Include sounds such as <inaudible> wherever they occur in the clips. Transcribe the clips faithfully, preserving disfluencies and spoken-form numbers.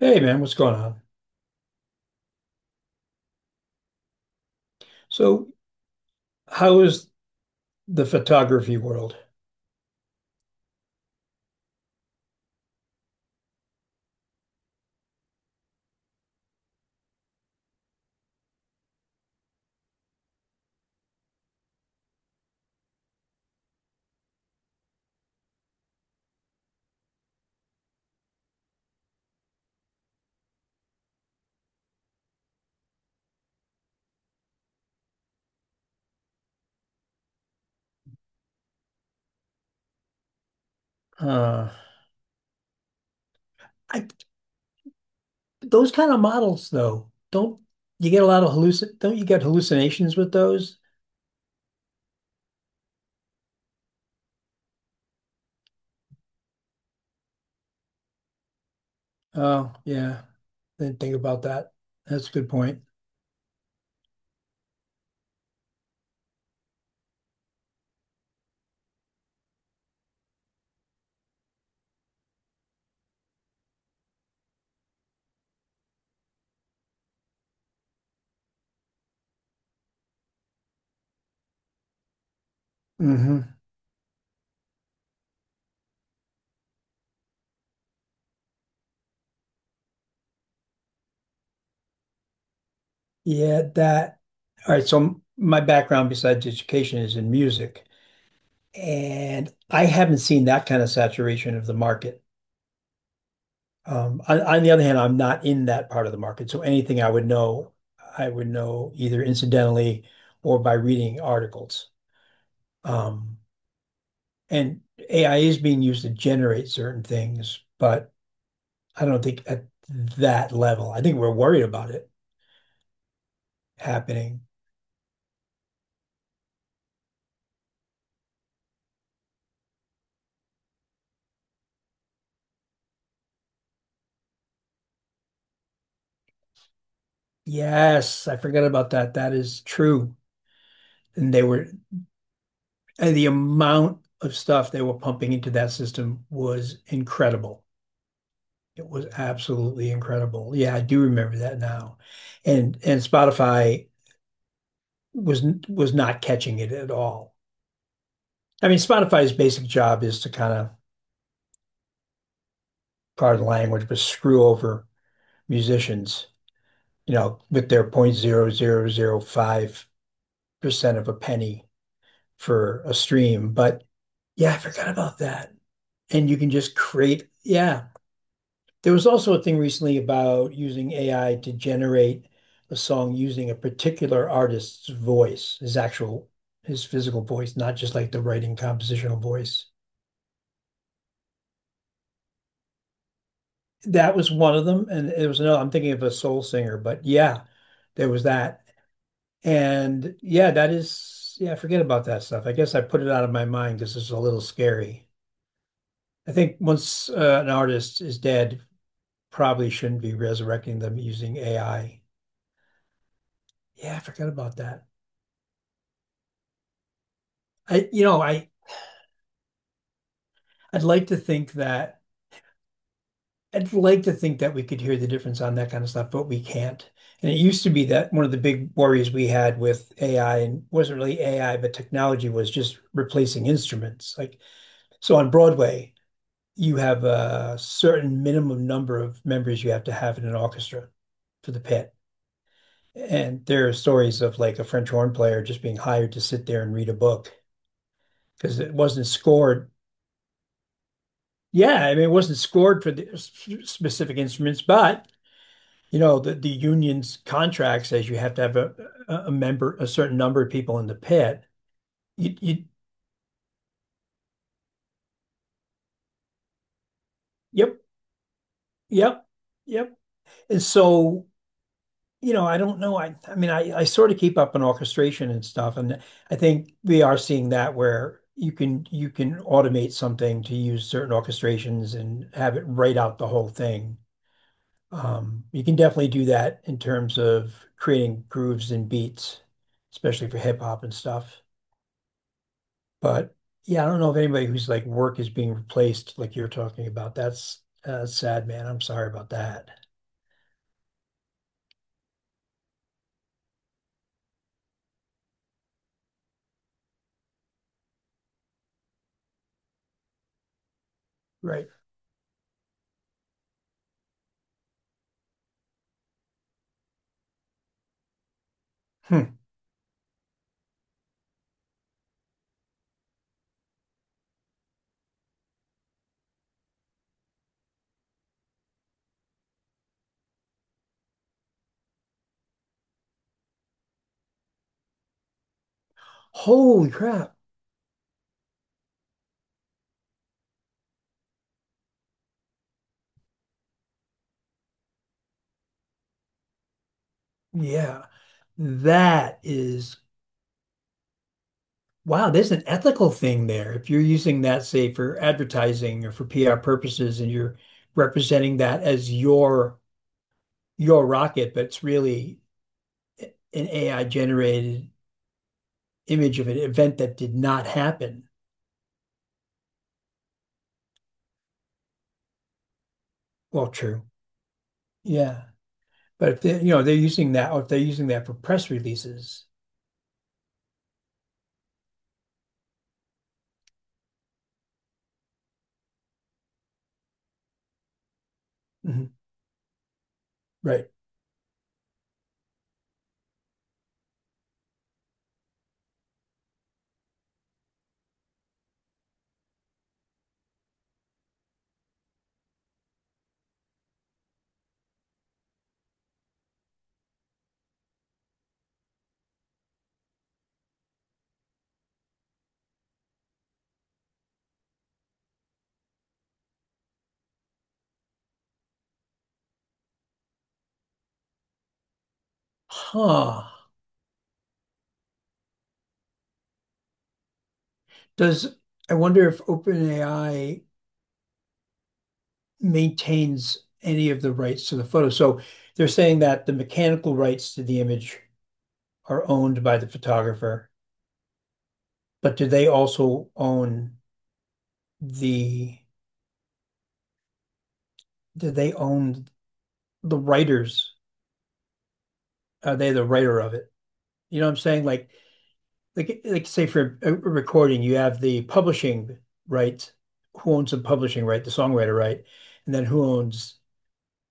Hey man, what's going on? So, how is the photography world? Uh, I those kind of models though, don't you get a lot of hallucin don't you get hallucinations with those? Oh, yeah. Didn't think about that. That's a good point. Hmm. Yeah, that. All right. So my background besides education is in music, and I haven't seen that kind of saturation of the market. Um, On on the other hand, I'm not in that part of the market, so anything I would know, I would know either incidentally or by reading articles. Um, And A I is being used to generate certain things, but I don't think at that level. I think we're worried about it happening. Yes, I forgot about that. That is true. and They were And the amount of stuff they were pumping into that system was incredible. It was absolutely incredible. Yeah, I do remember that now. And and Spotify was was not catching it at all. I mean, Spotify's basic job is to kind of, pardon the language, but screw over musicians, you know, with their zero point zero zero zero five percent of a penny for a stream. But yeah, I forgot about that. And you can just create, yeah, there was also a thing recently about using A I to generate a song using a particular artist's voice, his actual, his physical voice, not just like the writing compositional voice. That was one of them. And it was another, I'm thinking of a soul singer, but yeah, there was that. And yeah, that is, yeah, forget about that stuff. I guess I put it out of my mind because it's a little scary. I think once uh, an artist is dead, probably shouldn't be resurrecting them using A I. Yeah, I forgot about that. I, you know, I, I'd like to think that I'd like to think that we could hear the difference on that kind of stuff, but we can't. And it used to be that one of the big worries we had with A I and wasn't really A I, but technology was just replacing instruments. Like, so on Broadway, you have a certain minimum number of members you have to have in an orchestra for the pit. And there are stories of like a French horn player just being hired to sit there and read a book because it wasn't scored. Yeah, I mean, it wasn't scored for the s- specific instruments, but you know, the, the union's contract says you have to have a, a a member, a certain number of people in the pit. You, you, yep, yep, yep. And so, you know, I don't know. I, I mean, I, I sort of keep up on orchestration and stuff, and I think we are seeing that where you can you can automate something to use certain orchestrations and have it write out the whole thing. Um, You can definitely do that in terms of creating grooves and beats, especially for hip hop and stuff. But yeah, I don't know if anybody whose like work is being replaced like you're talking about. That's uh, sad, man. I'm sorry about that. Right. Hmm. Holy crap. Yeah. That is wow, there's an ethical thing there. If you're using that, say, for advertising or for P R purposes and you're representing that as your your rocket, but it's really an A I generated image of an event that did not happen. Well, true. Yeah. But if they, you know, they're using that, or if they're using that for press releases, mhm, right? Huh. Does I wonder if open A I maintains any of the rights to the photo? So they're saying that the mechanical rights to the image are owned by the photographer, but do they also own the, do they own the writers? Are they the writer of it? You know what I'm saying? Like, like, like say for a recording, you have the publishing rights. Who owns the publishing right, the songwriter right, and then who owns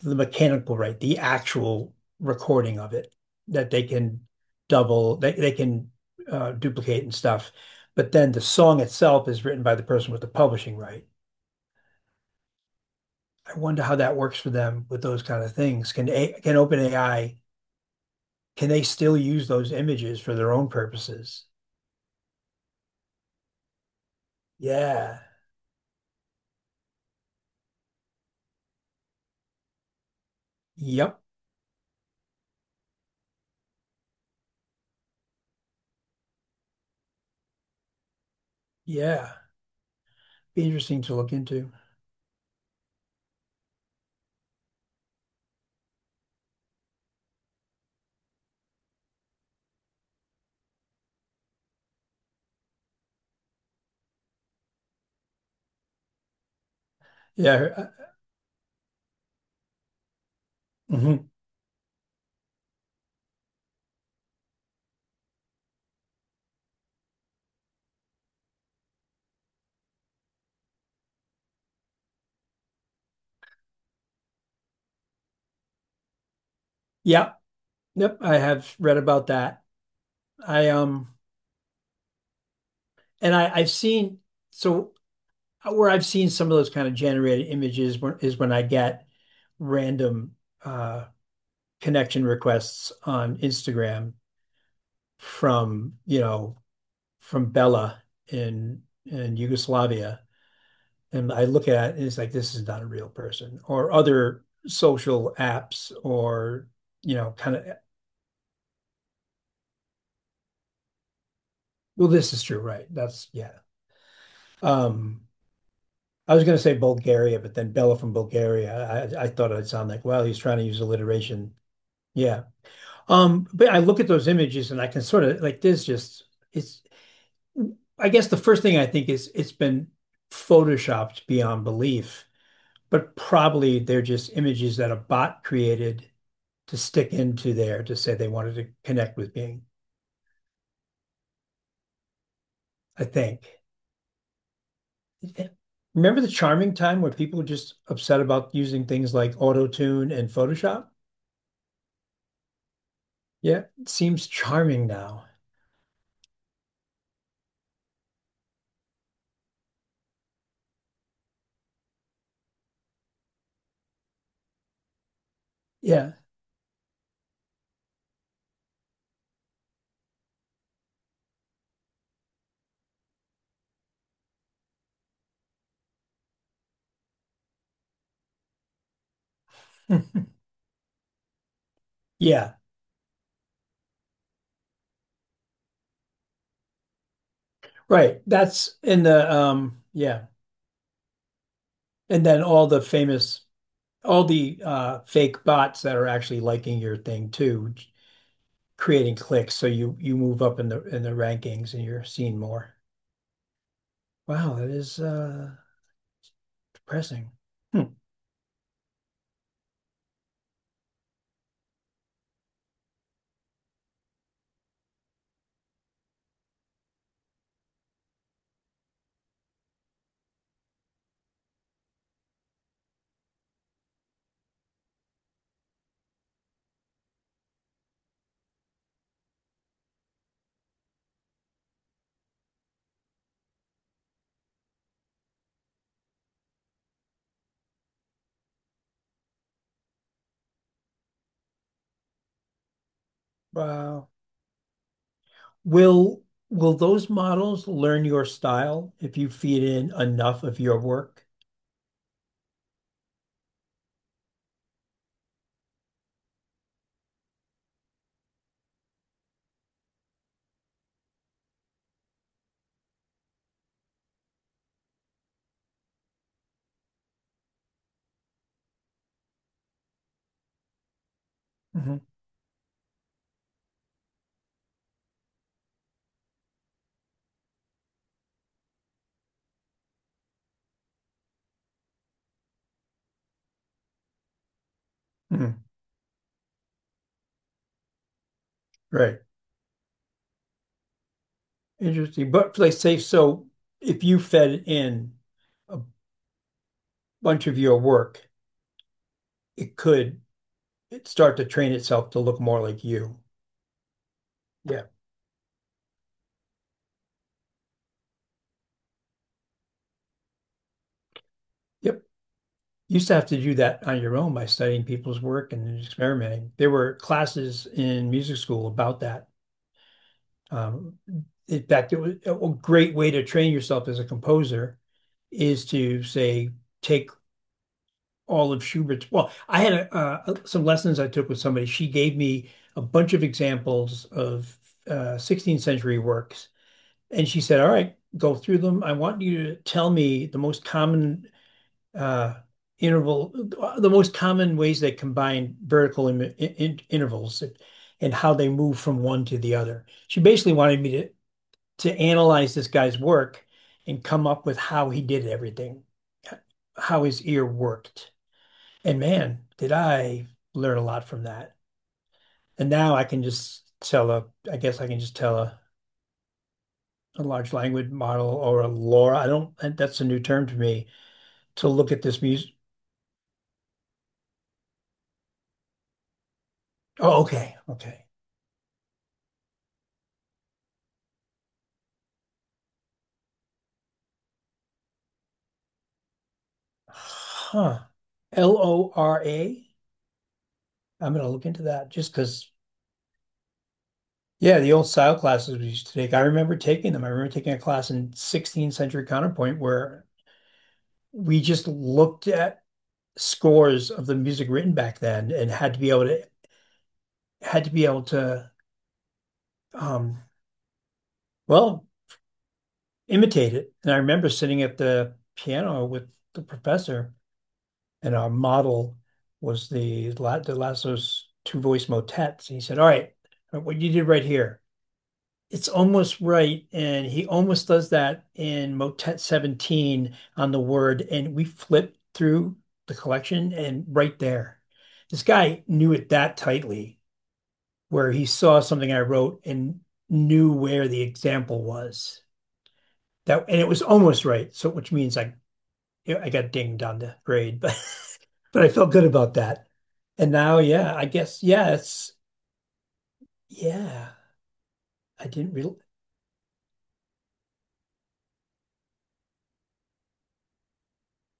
the mechanical right, the actual recording of it that they can double, they, they can uh, duplicate and stuff. But then the song itself is written by the person with the publishing right. I wonder how that works for them with those kind of things. Can a can open A I can they still use those images for their own purposes? Yeah. Yep. Yeah. Be interesting to look into. Yeah, mhm. Yeah. Yep. I have read about that. I um and I I've seen so where I've seen some of those kind of generated images when, is when I get random uh connection requests on Instagram from, you know, from Bella in in Yugoslavia. And I look at it and it's like this is not a real person or other social apps or you know kind of. Well, this is true, right? That's yeah. Um, I was going to say Bulgaria, but then Bella from Bulgaria. I, I thought I'd sound like, well, he's trying to use alliteration. Yeah. Um, but I look at those images and I can sort of like there's just it's. I guess the first thing I think is it's been photoshopped beyond belief, but probably they're just images that a bot created to stick into there to say they wanted to connect with being. I think. Remember the charming time where people were just upset about using things like Auto-Tune and Photoshop? Yeah, it seems charming now. Yeah. <laughs> Yeah, right. That's in the um yeah. And then all the famous all the uh fake bots that are actually liking your thing too, creating clicks so you you move up in the in the rankings and you're seen more. Wow, that is uh depressing. Hmm. Wow. Will will those models learn your style if you feed in enough of your work? Hmm. Right. Interesting. But like say so if you fed in a bunch of your work, it could it start to train itself to look more like you. Yeah. Yep. You used to have to do that on your own by studying people's work and experimenting. There were classes in music school about that. Um, in fact, it was a great way to train yourself as a composer is to say take all of Schubert's. Well, I had a, uh, some lessons I took with somebody. She gave me a bunch of examples of uh, sixteenth century works, and she said, "All right, go through them. I want you to tell me the most common uh, interval, the most common ways they combine vertical in, in, in intervals." And how they move from one to the other. She basically wanted me to to analyze this guy's work and come up with how he did everything, how his ear worked. And man, did I learn a lot from that. And now I can just tell a, I guess I can just tell a, a large language model or a LoRA. I don't, that's a new term to me to look at this music. Oh, okay. Okay. Huh. L O R A. I'm going to look into that just because, yeah, the old style classes we used to take. I remember taking them. I remember taking a class in sixteenth century counterpoint where we just looked at scores of the music written back then and had to be able to had to be able to um well imitate it. And I remember sitting at the piano with the professor and our model was the La- the Lasso's two voice motets. And he said, all right, what you did right here, it's almost right, and he almost does that in Motet seventeen on the word, and we flip through the collection and right there. This guy knew it that tightly, where he saw something I wrote and knew where the example was. That and it was almost right, so which means I I got dinged on the grade, <laughs> but but I felt good about that. And now, yeah, I guess, yeah, it's yeah. I didn't really.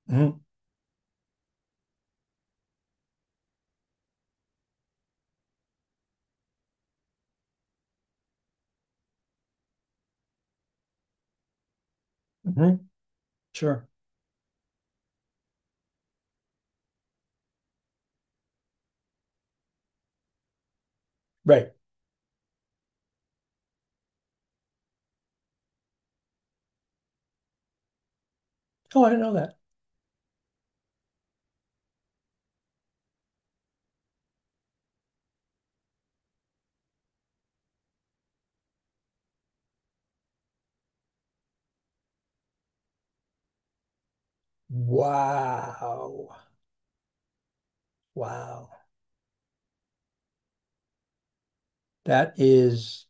Mhm, mhm, sure, right. Oh, I didn't know that. Wow. Wow. That is,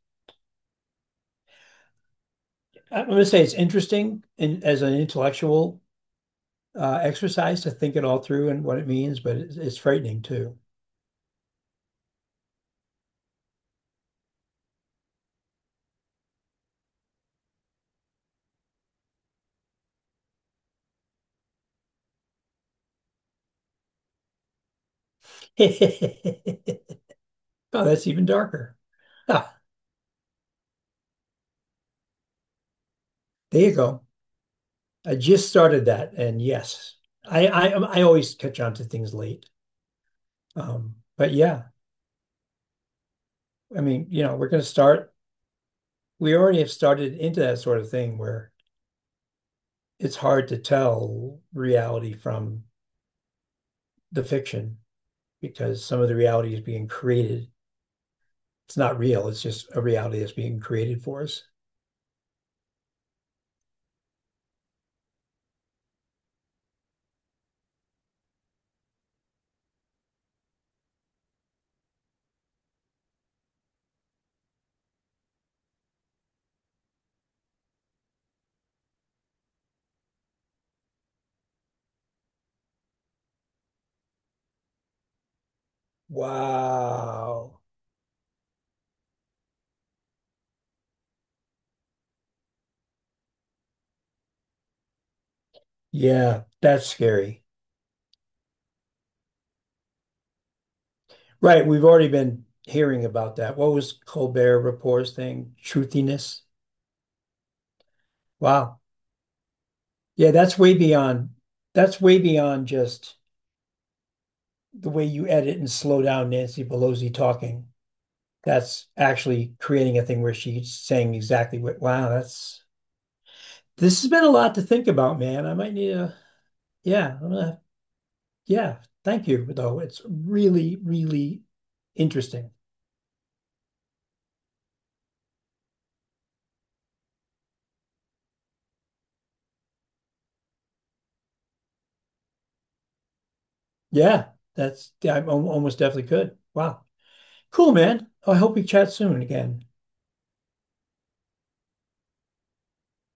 I'm going to say it's interesting in, as an intellectual uh, exercise to think it all through and what it means, but it's, it's frightening too. <laughs> Oh, that's even darker. Ah, there you go. I just started that, and yes, I I, um, I always catch on to things late. Um, but yeah, I mean, you know, we're going to start. We already have started into that sort of thing where it's hard to tell reality from the fiction, because some of the reality is being created. It's not real, it's just a reality that's being created for us. Wow. Yeah, that's scary. Right. We've already been hearing about that. What was Colbert Report's thing? Truthiness. Wow. Yeah, that's way beyond that's way beyond just the way you edit and slow down Nancy Pelosi talking. That's actually creating a thing where she's saying exactly what wow, that's this has been a lot to think about, man. I might need a yeah, I'm gonna have Yeah, thank you, though. It's really, really interesting. Yeah, that's, yeah, I almost definitely could. Wow. Cool, man. I hope we chat soon again.